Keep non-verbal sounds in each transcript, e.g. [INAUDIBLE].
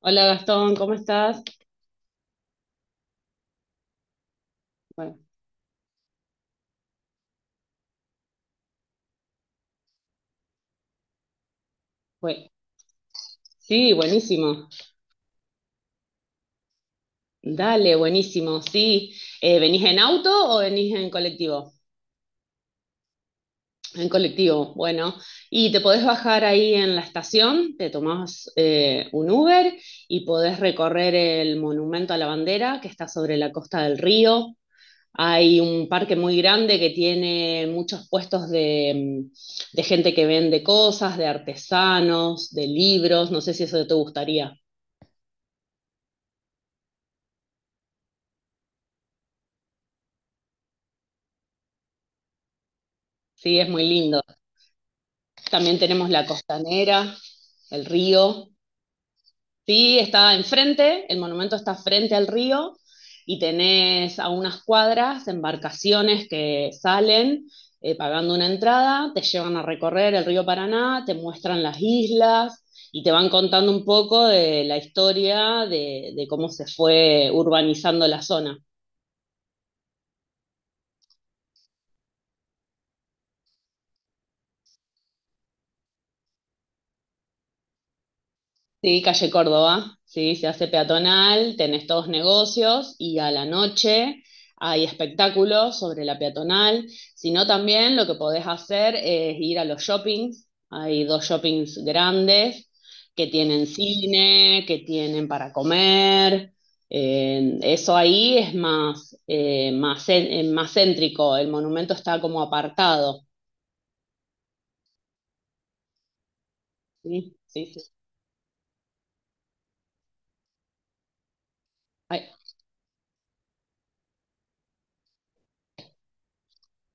Hola Gastón, ¿cómo estás? Bueno, bue- sí, buenísimo. Dale, buenísimo. Sí, ¿venís en auto o venís en colectivo? En colectivo, bueno. Y te podés bajar ahí en la estación, te tomás un Uber y podés recorrer el Monumento a la Bandera que está sobre la costa del río. Hay un parque muy grande que tiene muchos puestos de gente que vende cosas, de artesanos, de libros. No sé si eso te gustaría. Sí, es muy lindo. También tenemos la costanera, el río. Sí, está enfrente, el monumento está frente al río y tenés a unas cuadras embarcaciones que salen pagando una entrada, te llevan a recorrer el río Paraná, te muestran las islas y te van contando un poco de la historia de cómo se fue urbanizando la zona. Sí, calle Córdoba, sí, se hace peatonal, tenés todos negocios y a la noche hay espectáculos sobre la peatonal, sino también lo que podés hacer es ir a los shoppings, hay dos shoppings grandes que tienen cine, que tienen para comer, eso ahí es más céntrico, el monumento está como apartado, ¿sí? Sí, sí.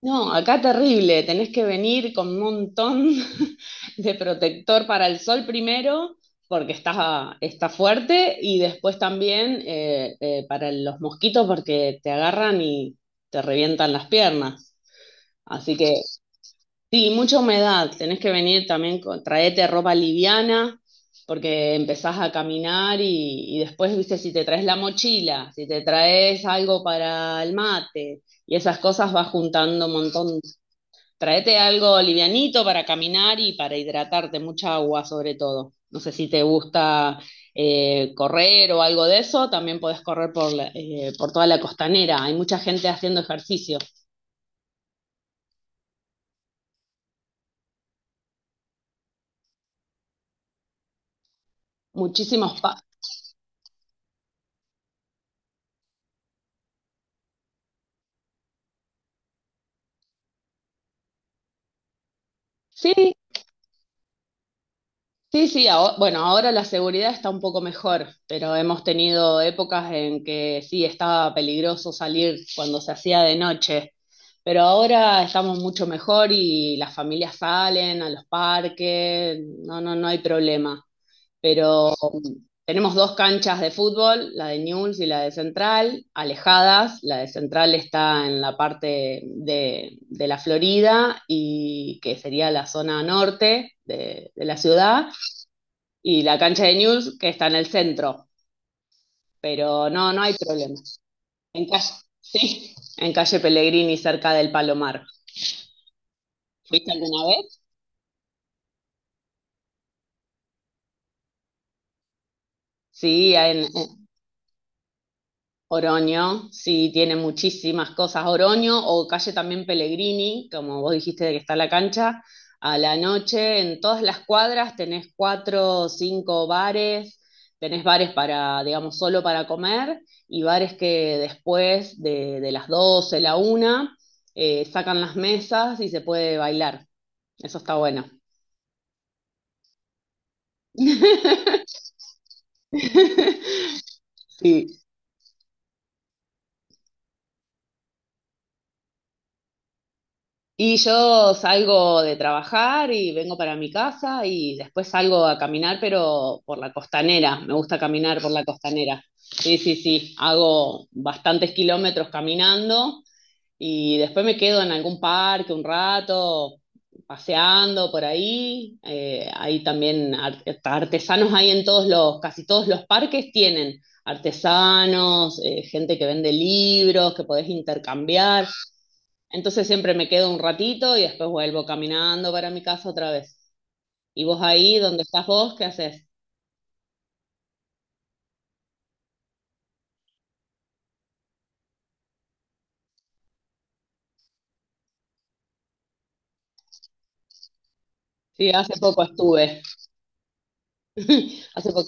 No, acá terrible, tenés que venir con un montón [LAUGHS] de protector para el sol primero, porque está fuerte, y después también para los mosquitos, porque te agarran y te revientan las piernas. Así que sí, mucha humedad, tenés que venir también, traete ropa liviana, porque empezás a caminar y después, viste, si te traes la mochila, si te traes algo para el mate y esas cosas vas juntando un montón. Traete algo livianito para caminar y para hidratarte, mucha agua sobre todo. No sé si te gusta correr o algo de eso, también podés correr por toda la costanera. Hay mucha gente haciendo ejercicio. Muchísimos Sí, Sí, sí, bueno, ahora la seguridad está un poco mejor, pero hemos tenido épocas en que sí estaba peligroso salir cuando se hacía de noche, pero ahora estamos mucho mejor y las familias salen a los parques, no, no, no hay problema. Pero tenemos dos canchas de fútbol, la de Newell's y la de Central, alejadas, la de Central está en la parte de la Florida y que sería la zona norte de la ciudad y la cancha de News, que está en el centro. Pero no, no hay problema. En calle, sí, en calle Pellegrini, cerca del Palomar. ¿Fuiste alguna vez? Sí, Oroño, sí, tiene muchísimas cosas. Oroño o calle también Pellegrini, como vos dijiste de que está la cancha, a la noche en todas las cuadras tenés cuatro o cinco bares, tenés bares para, digamos, solo para comer y bares que después de las 12 la una, sacan las mesas y se puede bailar. Eso está bueno. [LAUGHS] Sí, y yo salgo de trabajar y vengo para mi casa y después salgo a caminar, pero por la costanera. Me gusta caminar por la costanera. Sí, sí, sí. Hago bastantes kilómetros caminando y después me quedo en algún parque un rato, paseando por ahí. Hay también artesanos ahí en casi todos los parques tienen artesanos, gente que vende libros, que podés intercambiar. Entonces siempre me quedo un ratito y después vuelvo caminando para mi casa otra vez. ¿Y vos ahí, dónde estás vos, qué haces? Sí, hace poco estuve. [LAUGHS] Hace po-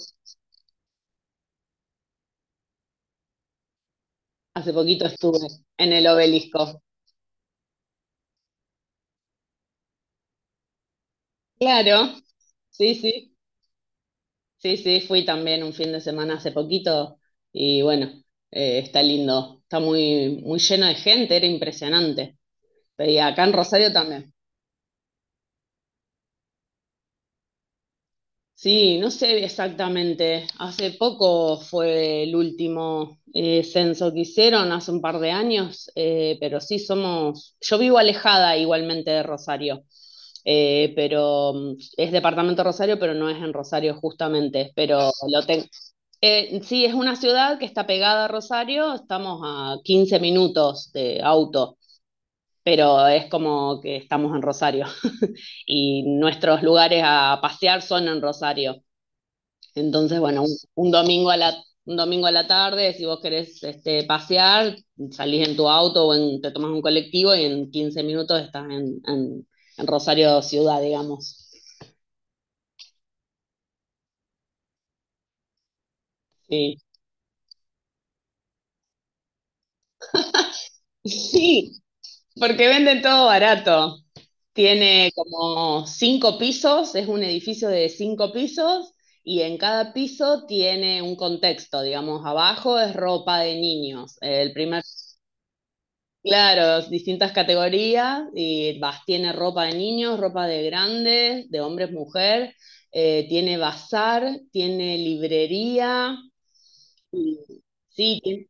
hace poquito estuve en el obelisco. Claro, sí, sí. Sí, sí, fui también un fin de semana hace poquito y bueno, está lindo, está muy, muy lleno de gente, era impresionante. Y acá en Rosario también. Sí, no sé exactamente, hace poco fue el último censo que hicieron, hace un par de años, pero sí somos, yo vivo alejada igualmente de Rosario, pero es departamento Rosario, pero no es en Rosario justamente, pero lo tengo. Sí, es una ciudad que está pegada a Rosario, estamos a 15 minutos de auto, pero es como que estamos en Rosario y nuestros lugares a pasear son en Rosario. Entonces, bueno, un domingo a la tarde, si vos querés pasear, salís en tu auto o te tomas un colectivo y en 15 minutos estás en Rosario Ciudad, digamos. Sí. [LAUGHS] Sí, porque venden todo barato. Tiene como cinco pisos, es un edificio de cinco pisos y en cada piso tiene un contexto, digamos, abajo es ropa de niños, claro, distintas categorías y vas, tiene ropa de niños, ropa de grandes, de hombres, mujer, tiene bazar, tiene librería, y, sí, tiene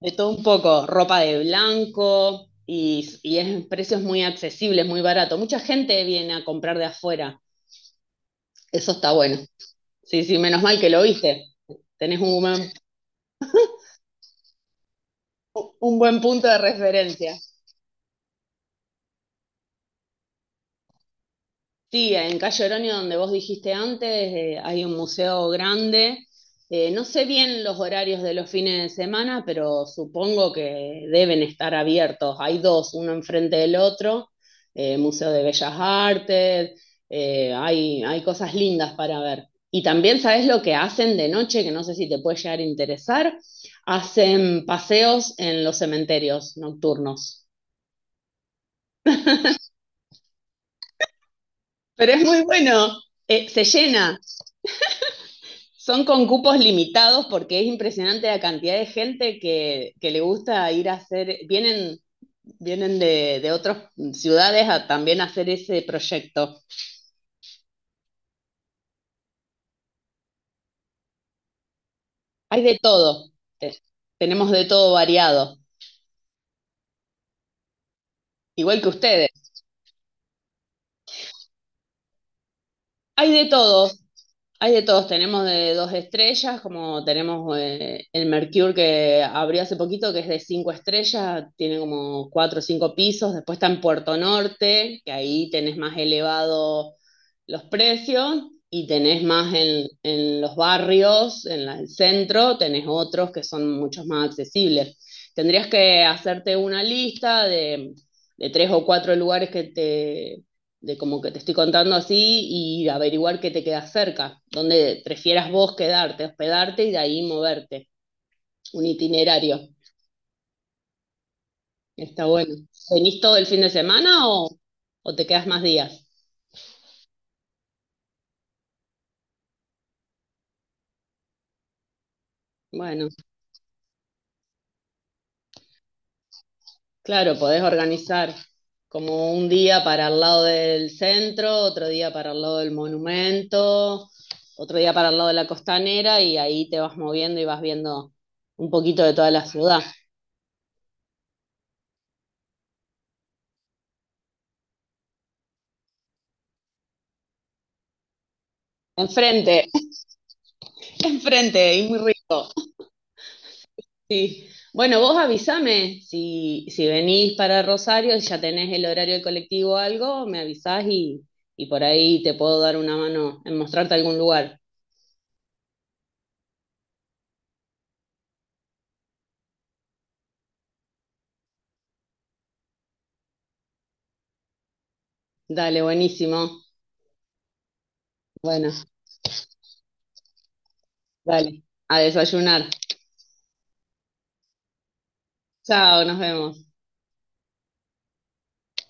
de todo un poco, ropa de blanco y es precios muy accesibles, muy barato. Mucha gente viene a comprar de afuera. Eso está bueno. Sí, sí, menos mal que lo viste. Tenés un buen punto de referencia. Sí, en Calle Oroño, donde vos dijiste antes, hay un museo grande. No sé bien los horarios de los fines de semana, pero supongo que deben estar abiertos. Hay dos, uno enfrente del otro, Museo de Bellas Artes, hay cosas lindas para ver. Y también sabes lo que hacen de noche, que no sé si te puede llegar a interesar, hacen paseos en los cementerios nocturnos. Pero es muy bueno, se llena. Son con cupos limitados porque es impresionante la cantidad de gente que le gusta ir a hacer, vienen de otras ciudades a también hacer ese proyecto. Hay de todo, eh, tenemos de todo variado, igual que ustedes. Hay de todo, Hay de todos, tenemos de dos estrellas, como tenemos el Mercure que abrió hace poquito, que es de cinco estrellas, tiene como cuatro o cinco pisos, después está en Puerto Norte, que ahí tenés más elevado los precios, y tenés más en los barrios, en el centro, tenés otros que son muchos más accesibles. Tendrías que hacerte una lista de tres o cuatro lugares de como que te estoy contando así y averiguar qué te queda cerca, dónde prefieras vos quedarte, hospedarte y de ahí moverte, un itinerario. Está bueno. ¿Venís todo el fin de semana o te quedas más días? Bueno, claro, podés organizar como un día para el lado del centro, otro día para el lado del monumento, otro día para el lado de la costanera y ahí te vas moviendo y vas viendo un poquito de toda la ciudad. Enfrente, [LAUGHS] enfrente, y muy sí, bueno, vos avísame si venís para Rosario, y ya tenés el horario del colectivo o algo, me avisás y por ahí te puedo dar una mano en mostrarte algún lugar. Dale, buenísimo. Bueno, dale, a desayunar. Chao, nos vemos.